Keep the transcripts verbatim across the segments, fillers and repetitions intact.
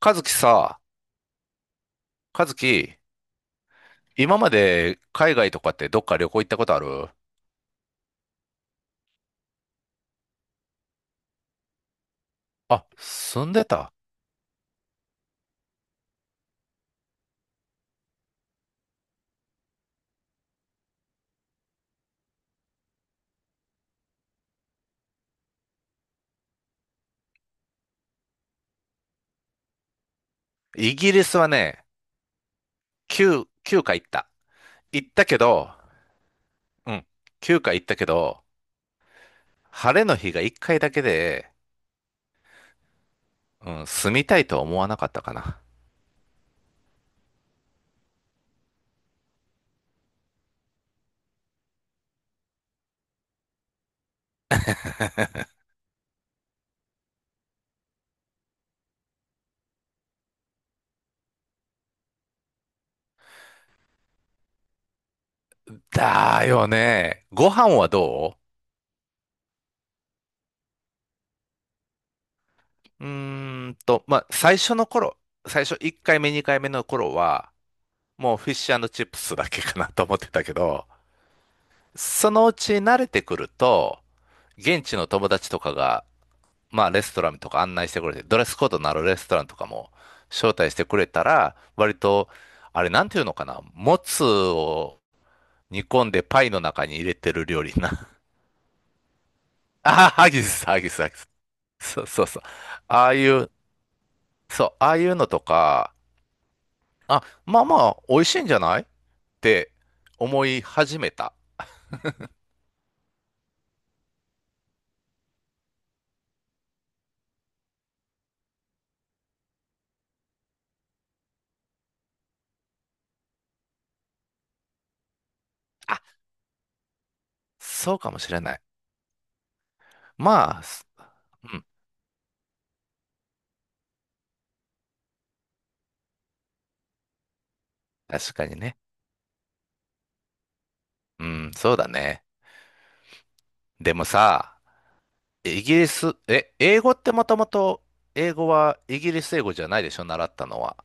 和樹さ、和樹、今まで海外とかってどっか旅行行ったことある？あ、住んでた。イギリスはね、きゅう、きゅうかい行った。行ったけど、うん、きゅうかい行ったけど、晴れの日がいっかいだけで、うん、住みたいとは思わなかったかな。だよね。ご飯はど？ううーんと、まあ、最初の頃、最初いっかいめにかいめの頃は、もうフィッシュチップスだけかなと思ってたけど、そのうち慣れてくると、現地の友達とかが、まあレストランとか案内してくれて、ドレスコードのあるレストランとかも招待してくれたら、割と、あれなんていうのかな、もつを煮込んでパイの中に入れてる料理な。ああ、ハギス、ハギス、ハギス。そうそうそう。ああいう、そう、ああいうのとか、あ、まあまあ、美味しいんじゃないって思い始めた。あ、そうかもしれない。まあ、す、うん、確かにね。うん、そうだね。でもさ、イギリス、え、英語ってもともと、英語はイギリス英語じゃないでしょ習ったのは。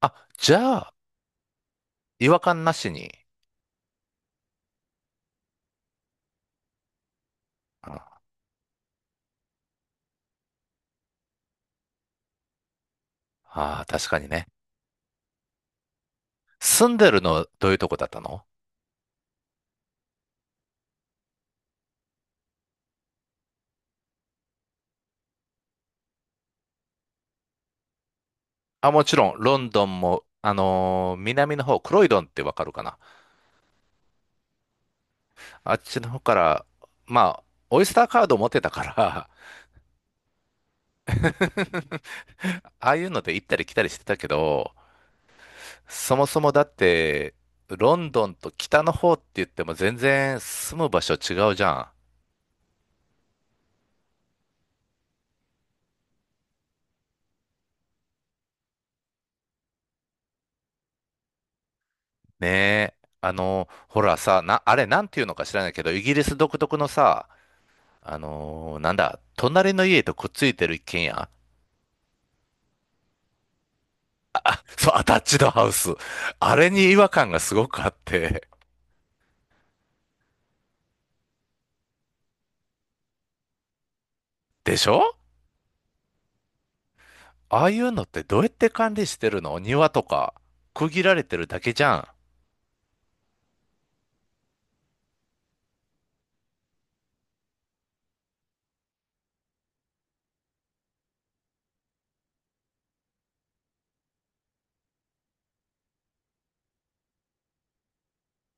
あ、じゃあ、違和感なしに。ああー、確かにね。住んでるの、どういうとこだったの？あ、もちろん、ロンドンも、あのー南の方、クロイドンってわかるかな？あっちの方から、まあ、オイスターカード持ってたから ああいうので行ったり来たりしてたけど、そもそもだって、ロンドンと北の方って言っても全然住む場所違うじゃん。ねえ。あの、ほらさ、な、あれなんていうのか知らないけど、イギリス独特のさ、あのーなんだ、隣の家とくっついてる一軒家。 そう、アタッチドハウス。あれに違和感がすごくあって。でしょ？ああいうのってどうやって管理してるの、庭とか、区切られてるだけじゃん。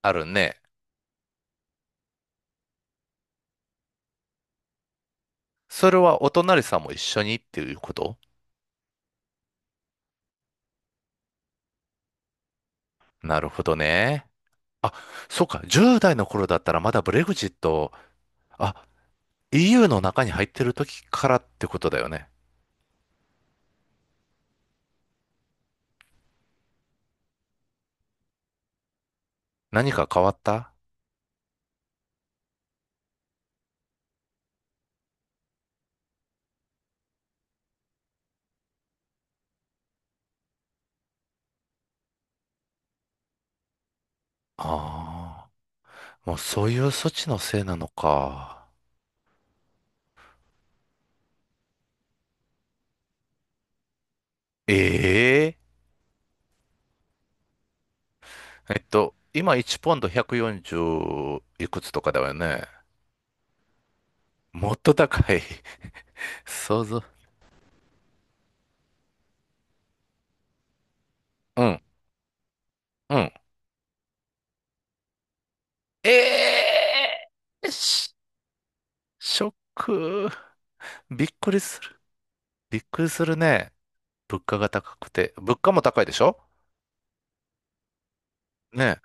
あるね。それはお隣さんも一緒にっていうこと？なるほどね。あ、そうか。じゅう代の頃だったらまだブレグジット、あ、イーユー の中に入ってる時からってことだよね。何か変わった？ああー、もうそういう措置のせいなのか。えええっと、今いちポンドひゃくよんじゅういくつとかだよね。もっと高い。想像。うん、うん。え、えし、ショック。びっくりする。びっくりするね。物価が高くて。物価も高いでしょ？ねえ。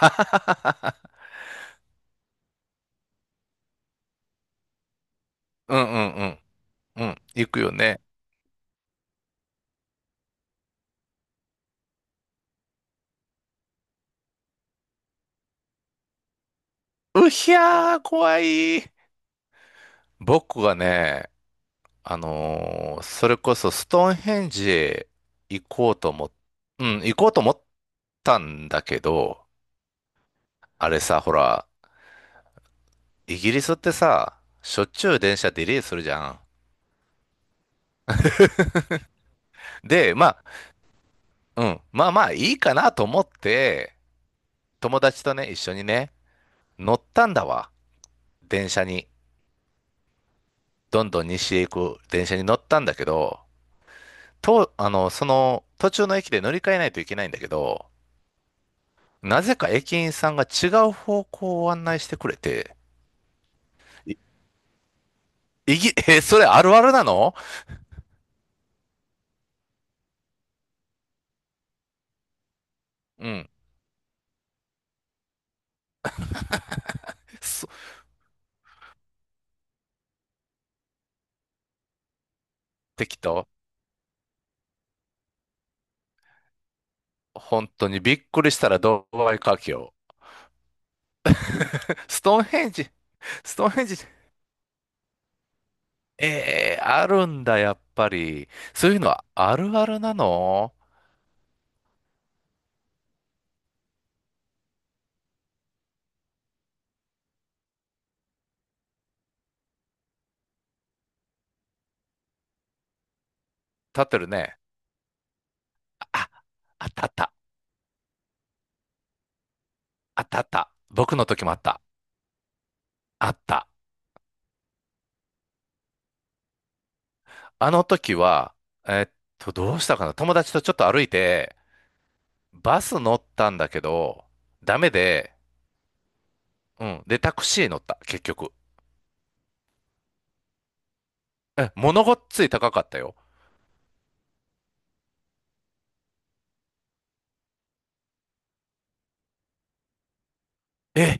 うんうんうん。うん。行くよね。うひゃー、怖い。僕がね、あのーそれこそストーンヘンジへ行こうと思っ、うん、行こうと思ったんだけど、あれさ、ほら、イギリスってさ、しょっちゅう電車ディレイするじゃん。で、まあ、うん、まあまあいいかなと思って、友達とね、一緒にね、乗ったんだわ。電車に。どんどん西へ行く電車に乗ったんだけど、と、あの、その途中の駅で乗り換えないといけないんだけど、なぜか駅員さんが違う方向を案内してくれて、いいぎ、え、それあるあるなの？うん。そ、適当。本当にびっくりしたらドバイ華僑。ストーンヘンジ、ストーンヘンジ、えー、あるんだ、やっぱり。そういうのはあるあるなの？立ってるね。あ、あったあった、あったあった。僕の時もあった。あった。あの時は、えっと、どうしたかな、友達とちょっと歩いて、バス乗ったんだけど、ダメで、うん。で、タクシー乗った、結局。え、物ごっつい高かったよ。え、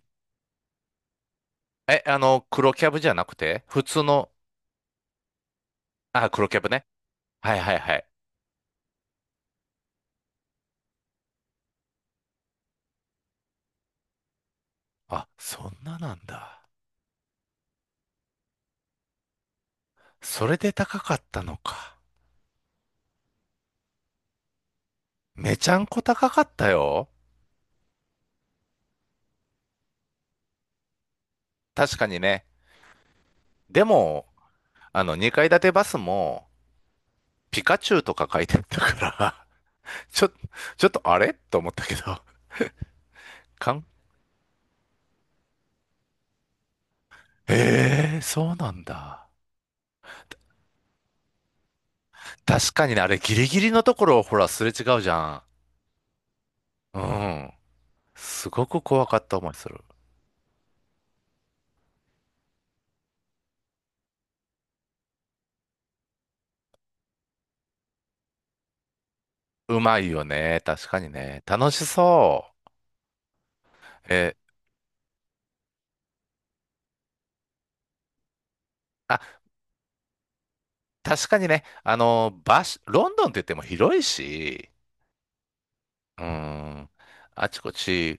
え、あの、黒キャブじゃなくて、普通の、あ、黒キャブね。はいはいはい。あ、そんななんだ。それで高かったのか。めちゃんこ高かったよ。確かにね。でも、あの、にかい建てバスも、ピカチュウとか書いてあったから ちょ、ちょっとあれと思ったけど、かん、えー、そうなんだ。確かにね、あれギリギリのところをほら、すれ違うじゃん。うん。すごく怖かった思いする。うまいよね。確かにね。楽しそう。えー、あ、確かにね。あの、場所、ロンドンって言っても広いし、うん。あちこち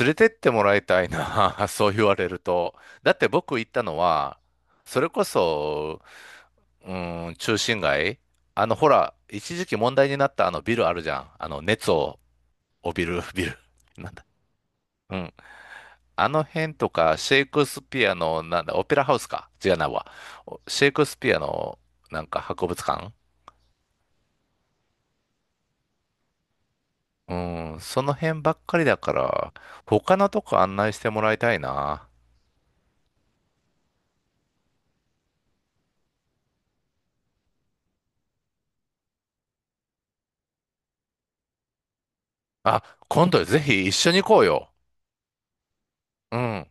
連れてってもらいたいな。そう言われると。だって僕行ったのは、それこそ、うん、中心街。あの、ほら、一時期問題になったあのビルあるじゃん。あの、熱を帯びるビル。なんだ。うん、あの辺とか、シェイクスピアの、なんだ、オペラハウスか、違うなわ。お、シェイクスピアの、なんか博物館、うん、その辺ばっかりだから、他のとこ案内してもらいたいな。あ、今度ぜひ一緒に行こうよ。うん。